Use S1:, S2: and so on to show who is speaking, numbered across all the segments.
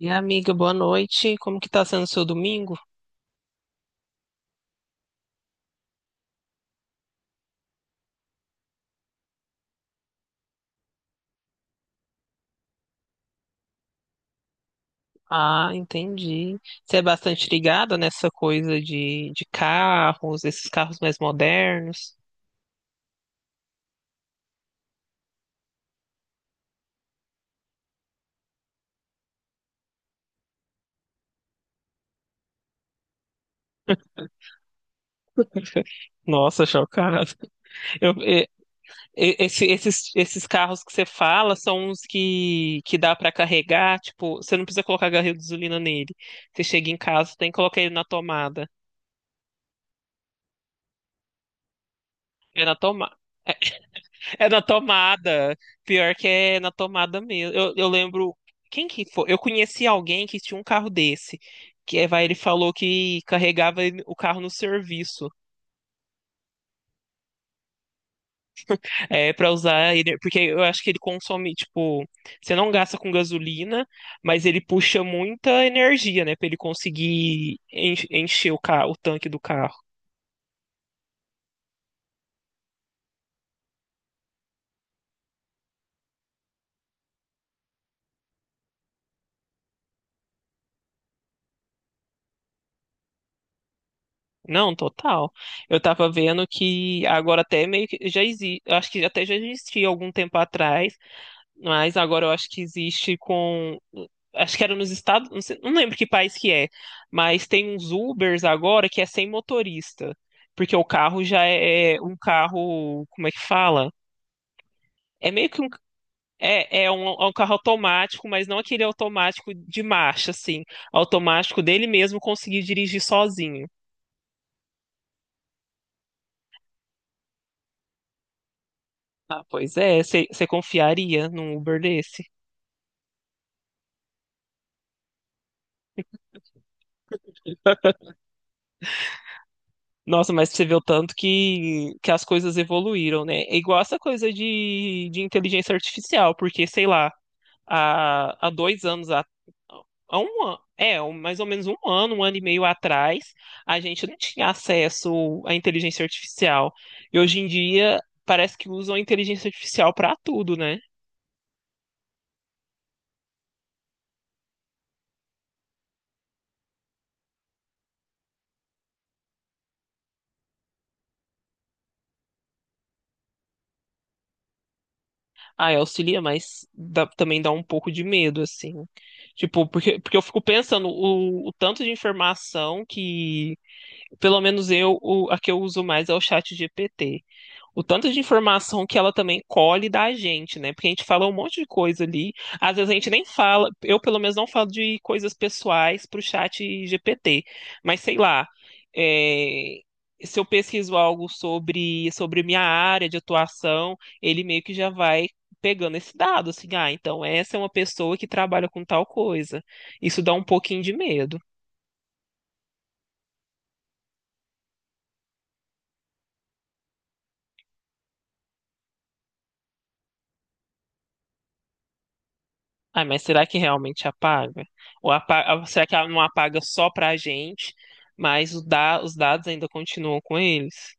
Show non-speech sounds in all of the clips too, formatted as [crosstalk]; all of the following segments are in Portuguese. S1: E amiga, boa noite. Como que tá sendo o seu domingo? Ah, entendi. Você é bastante ligada nessa coisa de carros, esses carros mais modernos. Nossa, chocado. [laughs] Eu, e- esse- esses, esses carros que você fala são uns que dá para carregar, tipo, você não precisa colocar garrafa de gasolina nele. Você chega em casa, tem que colocar ele na tomada. É na tomada. É na tomada. Pior que é na tomada mesmo. Eu lembro. Quem que foi? Eu conheci alguém que tinha um carro desse. Que é, vai, ele falou que carregava o carro no serviço. É, para usar ele. Porque eu acho que ele consome, tipo. Você não gasta com gasolina, mas ele puxa muita energia, né? Pra ele conseguir encher o carro, o tanque do carro. Não, total. Eu tava vendo que agora até meio que já existe, acho que até já existia algum tempo atrás. Mas agora eu acho que existe com. Acho que era nos Estados. Não lembro que país que é. Mas tem uns Ubers agora que é sem motorista. Porque o carro já é um carro. Como é que fala? É meio que um. É um carro automático, mas não aquele automático de marcha, assim. Automático dele mesmo conseguir dirigir sozinho. Ah, pois é. Você confiaria num Uber desse? Nossa, mas você vê o tanto que as coisas evoluíram, né? É igual essa coisa de inteligência artificial, porque, sei lá, há, há dois anos, há, há um ano, mais ou menos um ano e meio atrás, a gente não tinha acesso à inteligência artificial. E hoje em dia, parece que usam a inteligência artificial para tudo, né? Ah, é, auxilia, mas também dá um pouco de medo, assim. Tipo, porque eu fico pensando o tanto de informação que pelo menos eu, a que eu uso mais é o chat GPT. O tanto de informação que ela também colhe da gente, né? Porque a gente fala um monte de coisa ali. Às vezes a gente nem fala, eu pelo menos não falo de coisas pessoais pro chat GPT. Mas sei lá, é, se eu pesquiso algo sobre minha área de atuação, ele meio que já vai pegando esse dado, assim, ah, então essa é uma pessoa que trabalha com tal coisa. Isso dá um pouquinho de medo. Ah, mas será que realmente apaga? Ou será que ela não apaga só pra gente, mas os, os dados ainda continuam com eles?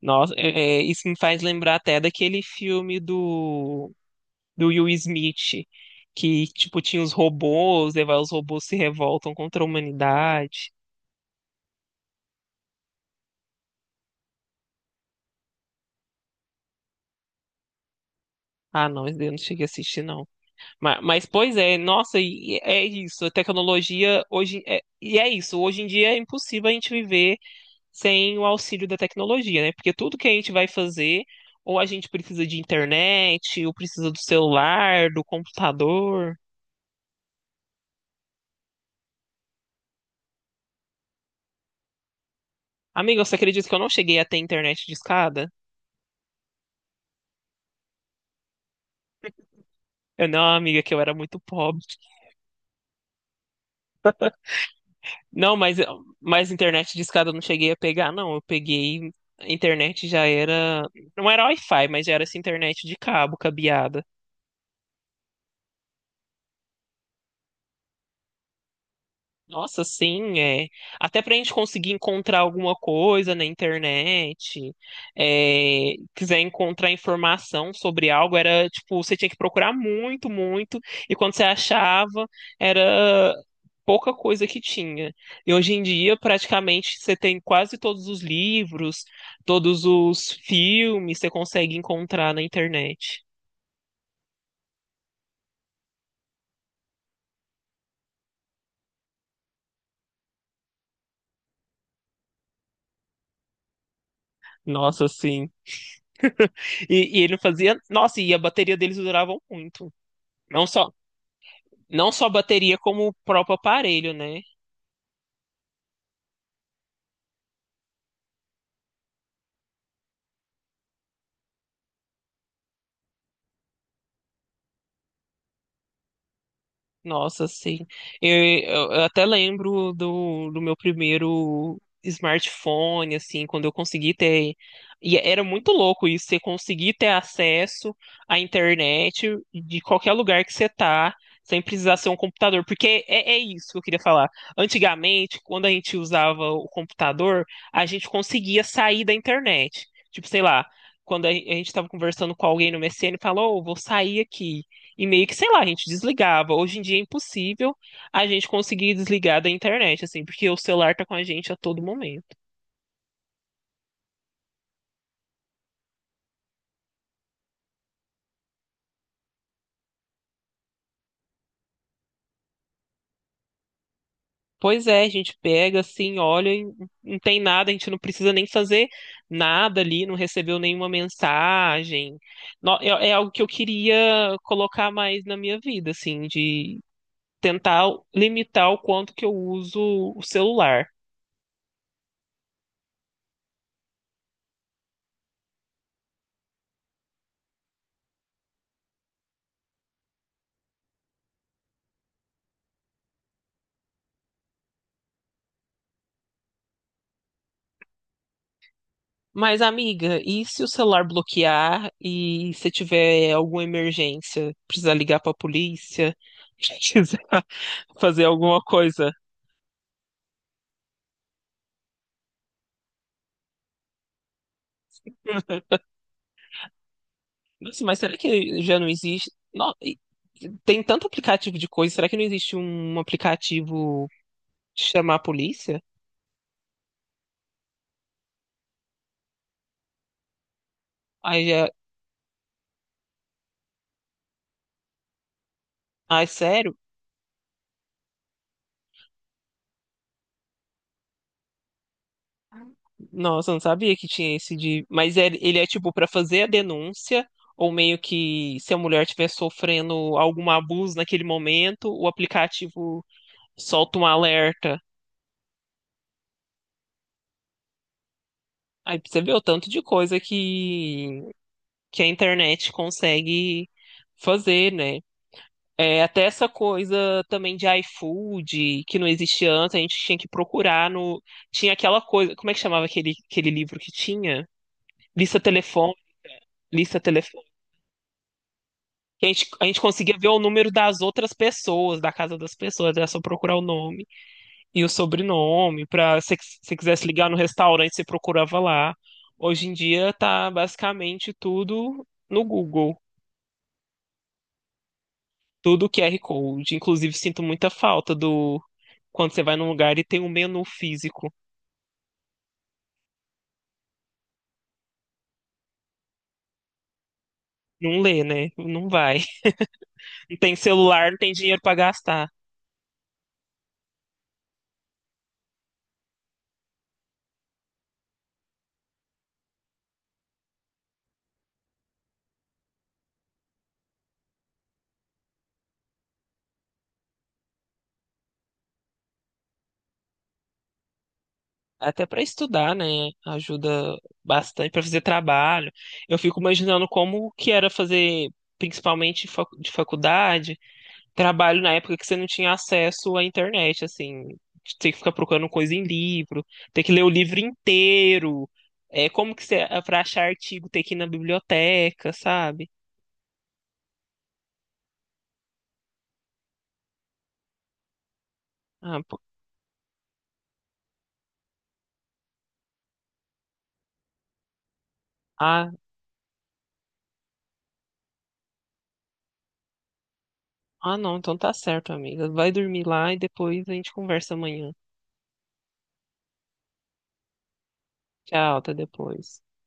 S1: Nossa, é, isso me faz lembrar até daquele filme do, do Will Smith, que, tipo, tinha os robôs, e vai, os robôs se revoltam contra a humanidade. Ah, não, esse daí eu não cheguei a assistir, não. Mas, pois é, nossa, e é isso. A tecnologia hoje. E é isso. Hoje em dia é impossível a gente viver sem o auxílio da tecnologia, né? Porque tudo que a gente vai fazer, ou a gente precisa de internet, ou precisa do celular, do computador. Amiga, você acredita que eu não cheguei a ter internet de escada? Eu não, amiga, que eu era muito pobre. Não, mas internet de escada eu não cheguei a pegar, não. Eu peguei. A internet já era. Não era Wi-Fi, mas já era essa internet de cabo, cabeada. Nossa, sim, é. Até para a gente conseguir encontrar alguma coisa na internet, é, quiser encontrar informação sobre algo, era tipo, você tinha que procurar muito, muito, e quando você achava, era pouca coisa que tinha. E hoje em dia, praticamente, você tem quase todos os livros, todos os filmes, você consegue encontrar na internet. Nossa, sim. E ele fazia. Nossa, e a bateria deles durava muito. Não só, não só a bateria, como o próprio aparelho, né? Nossa, sim. Eu até lembro do, do meu primeiro smartphone, assim, quando eu consegui ter. E era muito louco isso, você conseguir ter acesso à internet de qualquer lugar que você tá, sem precisar ser um computador. Porque é, é isso que eu queria falar. Antigamente, quando a gente usava o computador, a gente conseguia sair da internet. Tipo, sei lá, quando a gente estava conversando com alguém no MSN, falou, "Ô, vou sair aqui. E meio que, sei lá, a gente desligava. Hoje em dia é impossível a gente conseguir desligar da internet, assim, porque o celular tá com a gente a todo momento. Pois é, a gente pega, assim, olha, e não tem nada, a gente não precisa nem fazer nada ali, não recebeu nenhuma mensagem. É é algo que eu queria colocar mais na minha vida, assim, de tentar limitar o quanto que eu uso o celular. Mas, amiga, e se o celular bloquear e se tiver alguma emergência, precisar ligar pra polícia, [laughs] precisar fazer alguma coisa? Nossa, mas será que já não existe? Tem tanto aplicativo de coisa, será que não existe um aplicativo de chamar a polícia? Aí já... Ai, sério? Nossa, eu não sabia que tinha esse de. Mas ele é tipo pra fazer a denúncia, ou meio que se a mulher estiver sofrendo algum abuso naquele momento, o aplicativo solta um alerta. Aí pra você vê o tanto de coisa que a internet consegue fazer, né? É, até essa coisa também de iFood, que não existia antes, a gente tinha que procurar no. Tinha aquela coisa. Como é que chamava aquele livro que tinha? Lista telefone, lista telefone. Que a gente, a gente conseguia ver o número das outras pessoas, da casa das pessoas, era só procurar o nome e o sobrenome, para se você quisesse ligar no restaurante, você procurava lá. Hoje em dia tá basicamente tudo no Google, tudo QR Code. Inclusive, sinto muita falta do quando você vai num lugar e tem um menu físico. Não lê, né? Não vai. [laughs] Não tem celular, não tem dinheiro para gastar. Até para estudar, né? Ajuda bastante para fazer trabalho. Eu fico imaginando como que era fazer, principalmente de faculdade trabalho na época que você não tinha acesso à internet, assim, de ter que ficar procurando coisa em livro, ter que ler o livro inteiro. É, como que você, para achar artigo, ter que ir na biblioteca, sabe? Ah, pô. ah, não, então tá certo, amiga. Vai dormir lá e depois a gente conversa amanhã. Tchau, até depois.